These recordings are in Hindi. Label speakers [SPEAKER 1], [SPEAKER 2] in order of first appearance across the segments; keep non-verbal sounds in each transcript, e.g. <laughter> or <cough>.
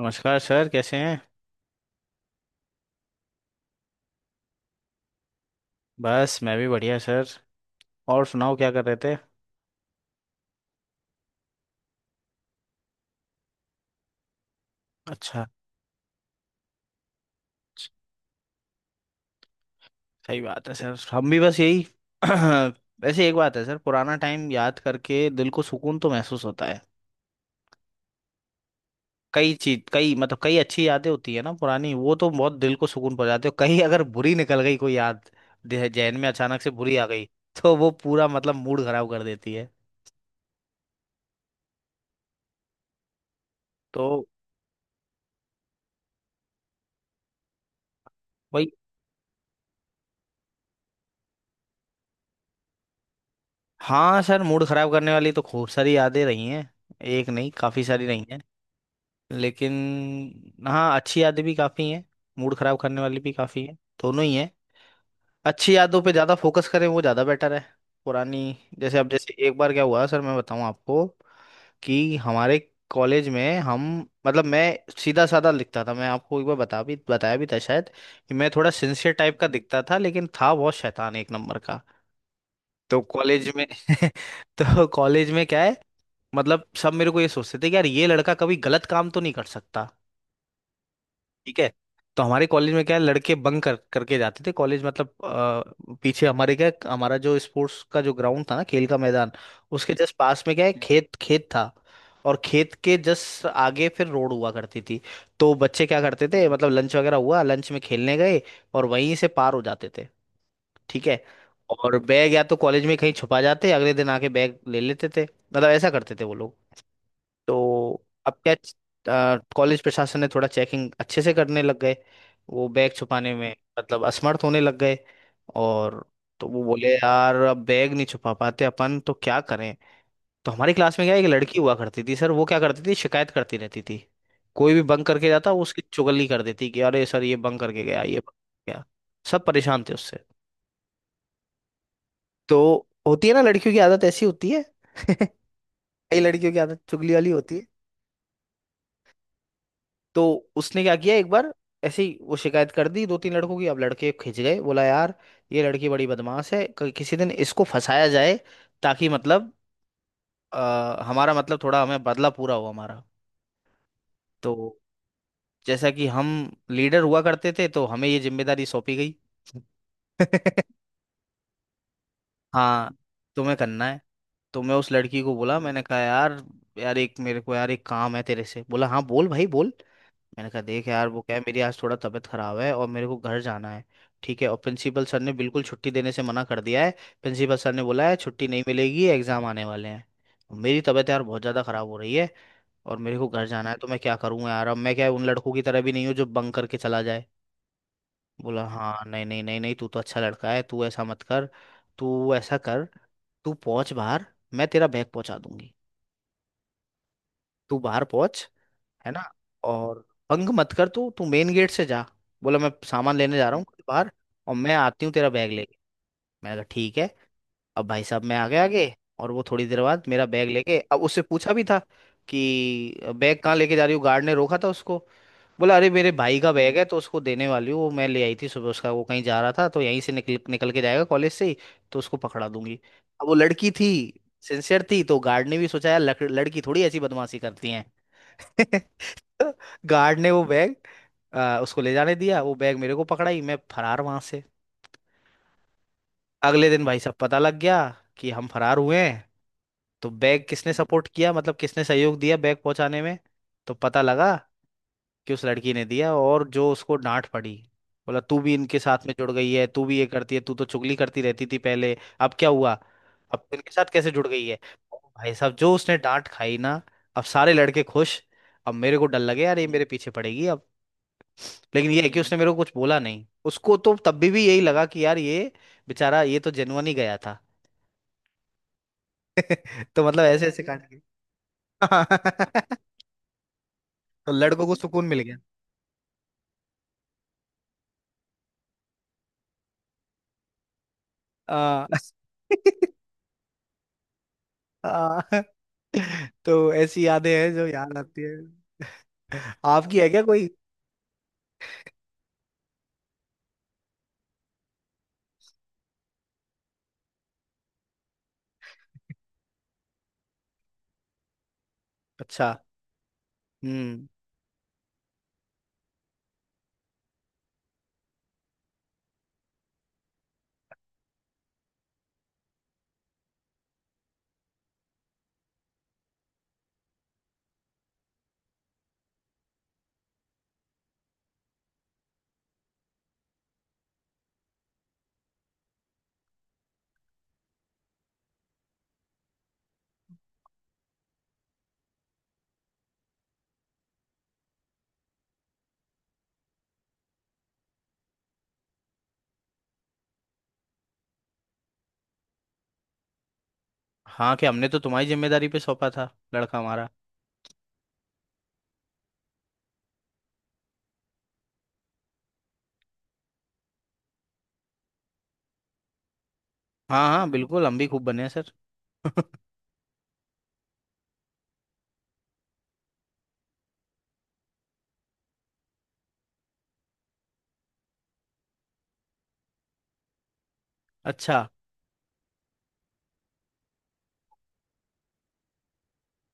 [SPEAKER 1] नमस्कार सर, कैसे हैं। बस मैं भी बढ़िया सर। और सुनाओ क्या कर रहे थे। अच्छा। सही बात है सर, हम भी बस यही। <clears throat> वैसे एक बात है सर, पुराना टाइम याद करके दिल को सुकून तो महसूस होता है। कई चीज, कई मतलब कई अच्छी यादें होती है ना पुरानी, वो तो बहुत दिल को सुकून पहुंचाती है। कहीं अगर बुरी निकल गई कोई याद, जहन में अचानक से बुरी आ गई, तो वो पूरा मतलब मूड खराब कर देती है। तो। भाई। हाँ सर, मूड खराब करने वाली तो खूब सारी यादें रही हैं। एक नहीं, काफी सारी रही हैं। लेकिन हाँ, अच्छी यादें भी काफ़ी हैं। मूड खराब करने वाली भी काफ़ी हैं। दोनों ही हैं। अच्छी यादों पे ज़्यादा फोकस करें वो ज़्यादा बेटर है। पुरानी। जैसे अब जैसे एक बार क्या हुआ सर, मैं बताऊँ आपको। कि हमारे कॉलेज में हम, मतलब मैं, सीधा साधा लिखता था। मैं आपको एक बार बताया भी था शायद कि मैं थोड़ा सिंसियर टाइप का दिखता था, लेकिन था बहुत शैतान एक नंबर का। तो कॉलेज में <laughs> तो कॉलेज में क्या है, मतलब सब मेरे को ये सोचते थे कि यार ये लड़का कभी गलत काम तो नहीं कर सकता। ठीक है। तो हमारे कॉलेज में क्या है, लड़के बंक कर करके जाते थे कॉलेज, मतलब पीछे हमारे क्या है, हमारा जो स्पोर्ट्स का जो ग्राउंड था ना, खेल का मैदान, उसके जस्ट पास में क्या है, खेत खेत था। और खेत के जस्ट आगे फिर रोड हुआ करती थी। तो बच्चे क्या करते थे, मतलब लंच वगैरह हुआ, लंच में खेलने गए और वहीं से पार हो जाते थे। ठीक है। और बैग या तो कॉलेज में कहीं छुपा जाते, अगले दिन आके बैग ले लेते थे, मतलब ऐसा करते थे वो लोग। तो अब क्या, कॉलेज प्रशासन ने थोड़ा चेकिंग अच्छे से करने लग गए, वो बैग छुपाने में मतलब असमर्थ होने लग गए। और तो वो बोले यार अब बैग नहीं छुपा पाते अपन, तो क्या करें। तो हमारी क्लास में क्या है, एक लड़की हुआ करती थी सर, वो क्या करती थी, शिकायत करती रहती थी। कोई भी बंक करके जाता वो उसकी चुगली कर देती कि अरे सर, ये बंक करके गया, ये बंक करके गया। सब परेशान थे उससे। तो होती है ना, लड़कियों की आदत ऐसी होती है। <laughs> कई लड़कियों की आदत चुगली वाली होती है। तो उसने क्या किया एक बार, ऐसे ही वो शिकायत कर दी दो तीन लड़कों की। अब लड़के खिंच गए, बोला यार ये लड़की बड़ी बदमाश है, किसी दिन इसको फंसाया जाए ताकि मतलब अ, हमारा मतलब थोड़ा हमें बदला पूरा हो हमारा। तो जैसा कि हम लीडर हुआ करते थे, तो हमें ये जिम्मेदारी सौंपी गई। <laughs> हाँ, तुम्हें करना है। तो मैं उस लड़की को बोला, मैंने कहा यार, यार एक मेरे को यार एक काम है तेरे से। बोला हाँ बोल भाई बोल। मैंने कहा देख यार, वो क्या है, मेरी आज थोड़ा तबीयत खराब है और मेरे को घर जाना है। ठीक है, और प्रिंसिपल सर ने बिल्कुल छुट्टी देने से मना कर दिया है। प्रिंसिपल सर ने बोला है छुट्टी नहीं मिलेगी, एग्जाम आने वाले हैं। मेरी तबीयत यार बहुत ज़्यादा ख़राब हो रही है और मेरे को घर जाना है, तो मैं क्या करूँगा यार। अब मैं क्या उन लड़कों की तरह भी नहीं हूँ जो बंक करके चला जाए। बोला हाँ नहीं नहीं नहीं नहीं, तू तो अच्छा लड़का है, तू ऐसा मत कर। तू ऐसा कर, तू पहुंच बाहर, मैं तेरा बैग पहुंचा दूंगी। तू बाहर पहुंच, है ना। और बंग मत कर, तू तू मेन गेट से जा। बोला मैं सामान लेने जा रहा हूँ कुछ बाहर, और मैं आती हूँ तेरा बैग लेके। मैंने कहा ठीक है। अब भाई साहब मैं आ गया आगे, और वो थोड़ी देर बाद मेरा बैग लेके, अब उससे पूछा भी था कि बैग कहाँ लेके जा रही हूँ, गार्ड ने रोका था उसको। बोला अरे मेरे भाई का बैग है, तो उसको देने वाली हूँ, वो मैं ले आई थी सुबह उसका, वो कहीं जा रहा था तो यहीं से निकल निकल के जाएगा कॉलेज से ही, तो उसको पकड़ा दूंगी। अब वो लड़की थी, सिंसियर थी, तो गार्ड ने भी सोचा यार लड़की थोड़ी ऐसी बदमाशी करती हैं। <laughs> गार्ड ने वो बैग उसको ले जाने दिया। वो बैग मेरे को पकड़ाई, मैं फरार वहां से। अगले दिन भाई साहब पता लग गया कि हम फरार हुए हैं। तो बैग किसने सपोर्ट किया, मतलब किसने सहयोग दिया बैग पहुंचाने में। तो पता लगा कि उस लड़की ने दिया, और जो उसको डांट पड़ी। बोला तू भी इनके साथ में जुड़ गई है, तू भी ये करती है, तू तो चुगली करती रहती थी पहले, अब क्या हुआ, अब तू इनके साथ कैसे जुड़ गई है। और भाई साहब जो उसने डांट खाई ना। अब सारे लड़के खुश। अब मेरे को डर लगे यार, ये मेरे पीछे पड़ेगी अब। लेकिन ये है कि उसने मेरे को कुछ बोला नहीं, उसको तो तब भी यही लगा कि यार ये बेचारा ये तो जेनुअन ही गया था। <laughs> तो मतलब ऐसे ऐसे कांड के। <laughs> तो लड़कों को सुकून मिल गया। आ, <laughs> आ, तो ऐसी यादें हैं जो याद आती है। आपकी है क्या कोई। अच्छा। हम्म। हाँ, कि हमने तो तुम्हारी जिम्मेदारी पे सौंपा था, लड़का हमारा। हाँ हाँ, बिल्कुल, हम भी खूब बने हैं सर। <laughs> अच्छा।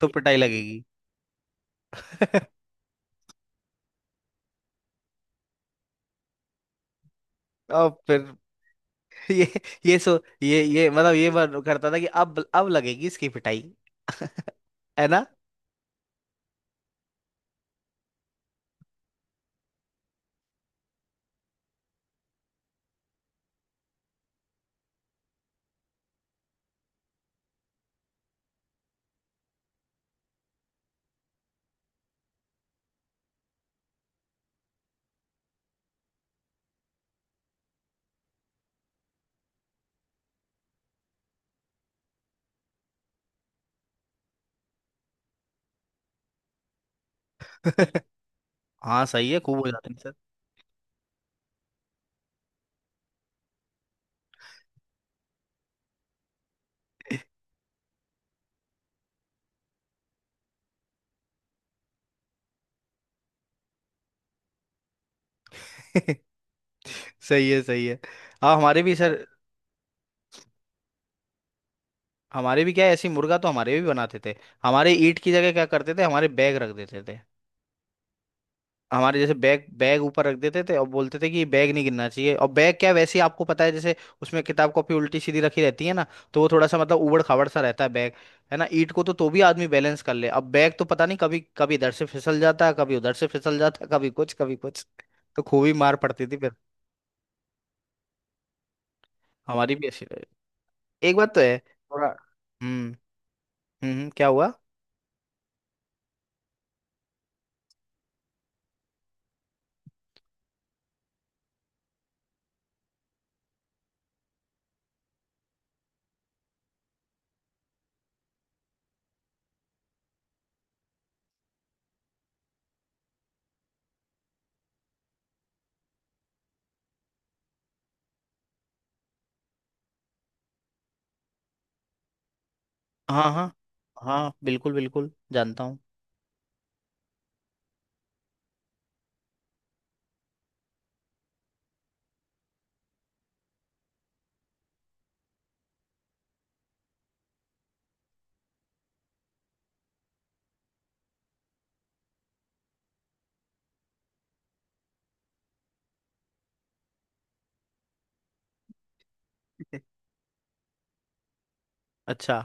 [SPEAKER 1] तो पिटाई लगेगी। <laughs> अब फिर ये ये सो ये मतलब ये बात करता था कि अब लगेगी इसकी पिटाई। <laughs> है ना। <laughs> हाँ सही है, खूब हो जाते हैं सर। <laughs> सही है, सही है। हाँ हमारे भी सर। हमारे भी क्या है, ऐसी मुर्गा तो हमारे भी बनाते थे। हमारे ईंट की जगह क्या करते थे, हमारे बैग रख देते थे। हमारे जैसे बैग बैग ऊपर रख देते थे, और बोलते थे कि बैग नहीं गिरना चाहिए। और बैग क्या, वैसे ही आपको पता है, जैसे उसमें किताब कॉपी उल्टी सीधी रखी रहती है ना, तो वो थोड़ा सा मतलब ऊबड़ खाबड़ सा रहता है बैग। है ना, ईंट को तो भी आदमी बैलेंस कर ले, अब बैग तो पता नहीं, कभी कभी इधर से फिसल जाता है, कभी उधर से फिसल जाता है, कभी कुछ कभी कुछ। तो खूब ही मार पड़ती थी फिर। हमारी भी ऐसी रही। एक बात तो है थोड़ा। हम्म। क्या हुआ। हाँ हाँ हाँ, बिल्कुल बिल्कुल, जानता हूँ। <laughs> अच्छा।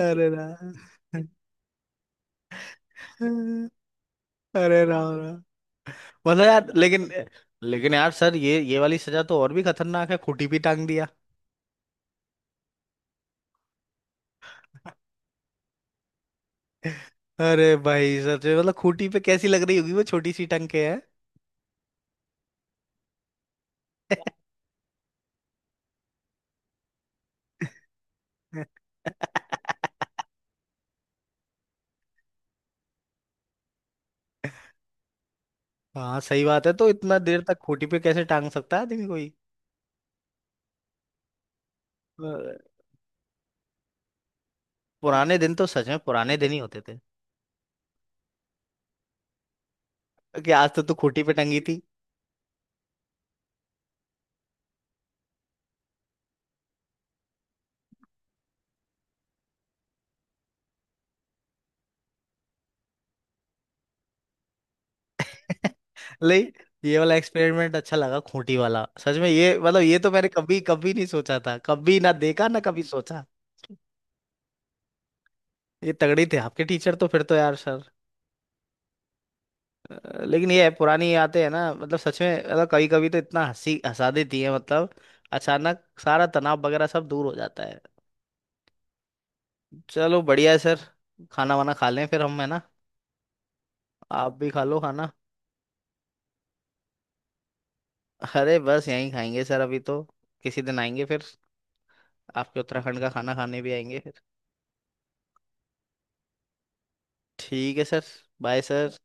[SPEAKER 1] अरे राम। <laughs> अरे राम। मतलब यार, लेकिन लेकिन यार सर, ये वाली सजा तो और भी खतरनाक है, खूंटी पे टांग दिया। अरे भाई सच में, मतलब खूंटी पे कैसी लग रही होगी वो, छोटी सी टंग के है। <laughs> हाँ सही बात है, तो इतना देर तक खूंटी पे कैसे टांग सकता है आदमी कोई। अ, पुराने दिन तो सच में पुराने दिन ही होते थे। कि आज तो तू खूंटी पे टंगी थी। <laughs> ले, ये वाला एक्सपेरिमेंट अच्छा लगा, खूंटी वाला सच में। ये मतलब ये तो मैंने कभी कभी नहीं सोचा था, कभी ना देखा ना कभी सोचा। ये तगड़ी थे आपके टीचर तो फिर तो यार। लेकिन ये पुरानी यादें है ना, मतलब सच में, मतलब कभी कभी तो इतना हंसी हंसा देती है मतलब, अचानक सारा तनाव वगैरह सब दूर हो जाता है। चलो बढ़िया है सर, खाना वाना खा लें फिर हम, है ना। आप भी खा लो खाना। अरे बस यहीं खाएंगे सर अभी तो, किसी दिन आएंगे फिर, आपके उत्तराखंड का खाना खाने भी आएंगे फिर। ठीक है सर। Bye sir.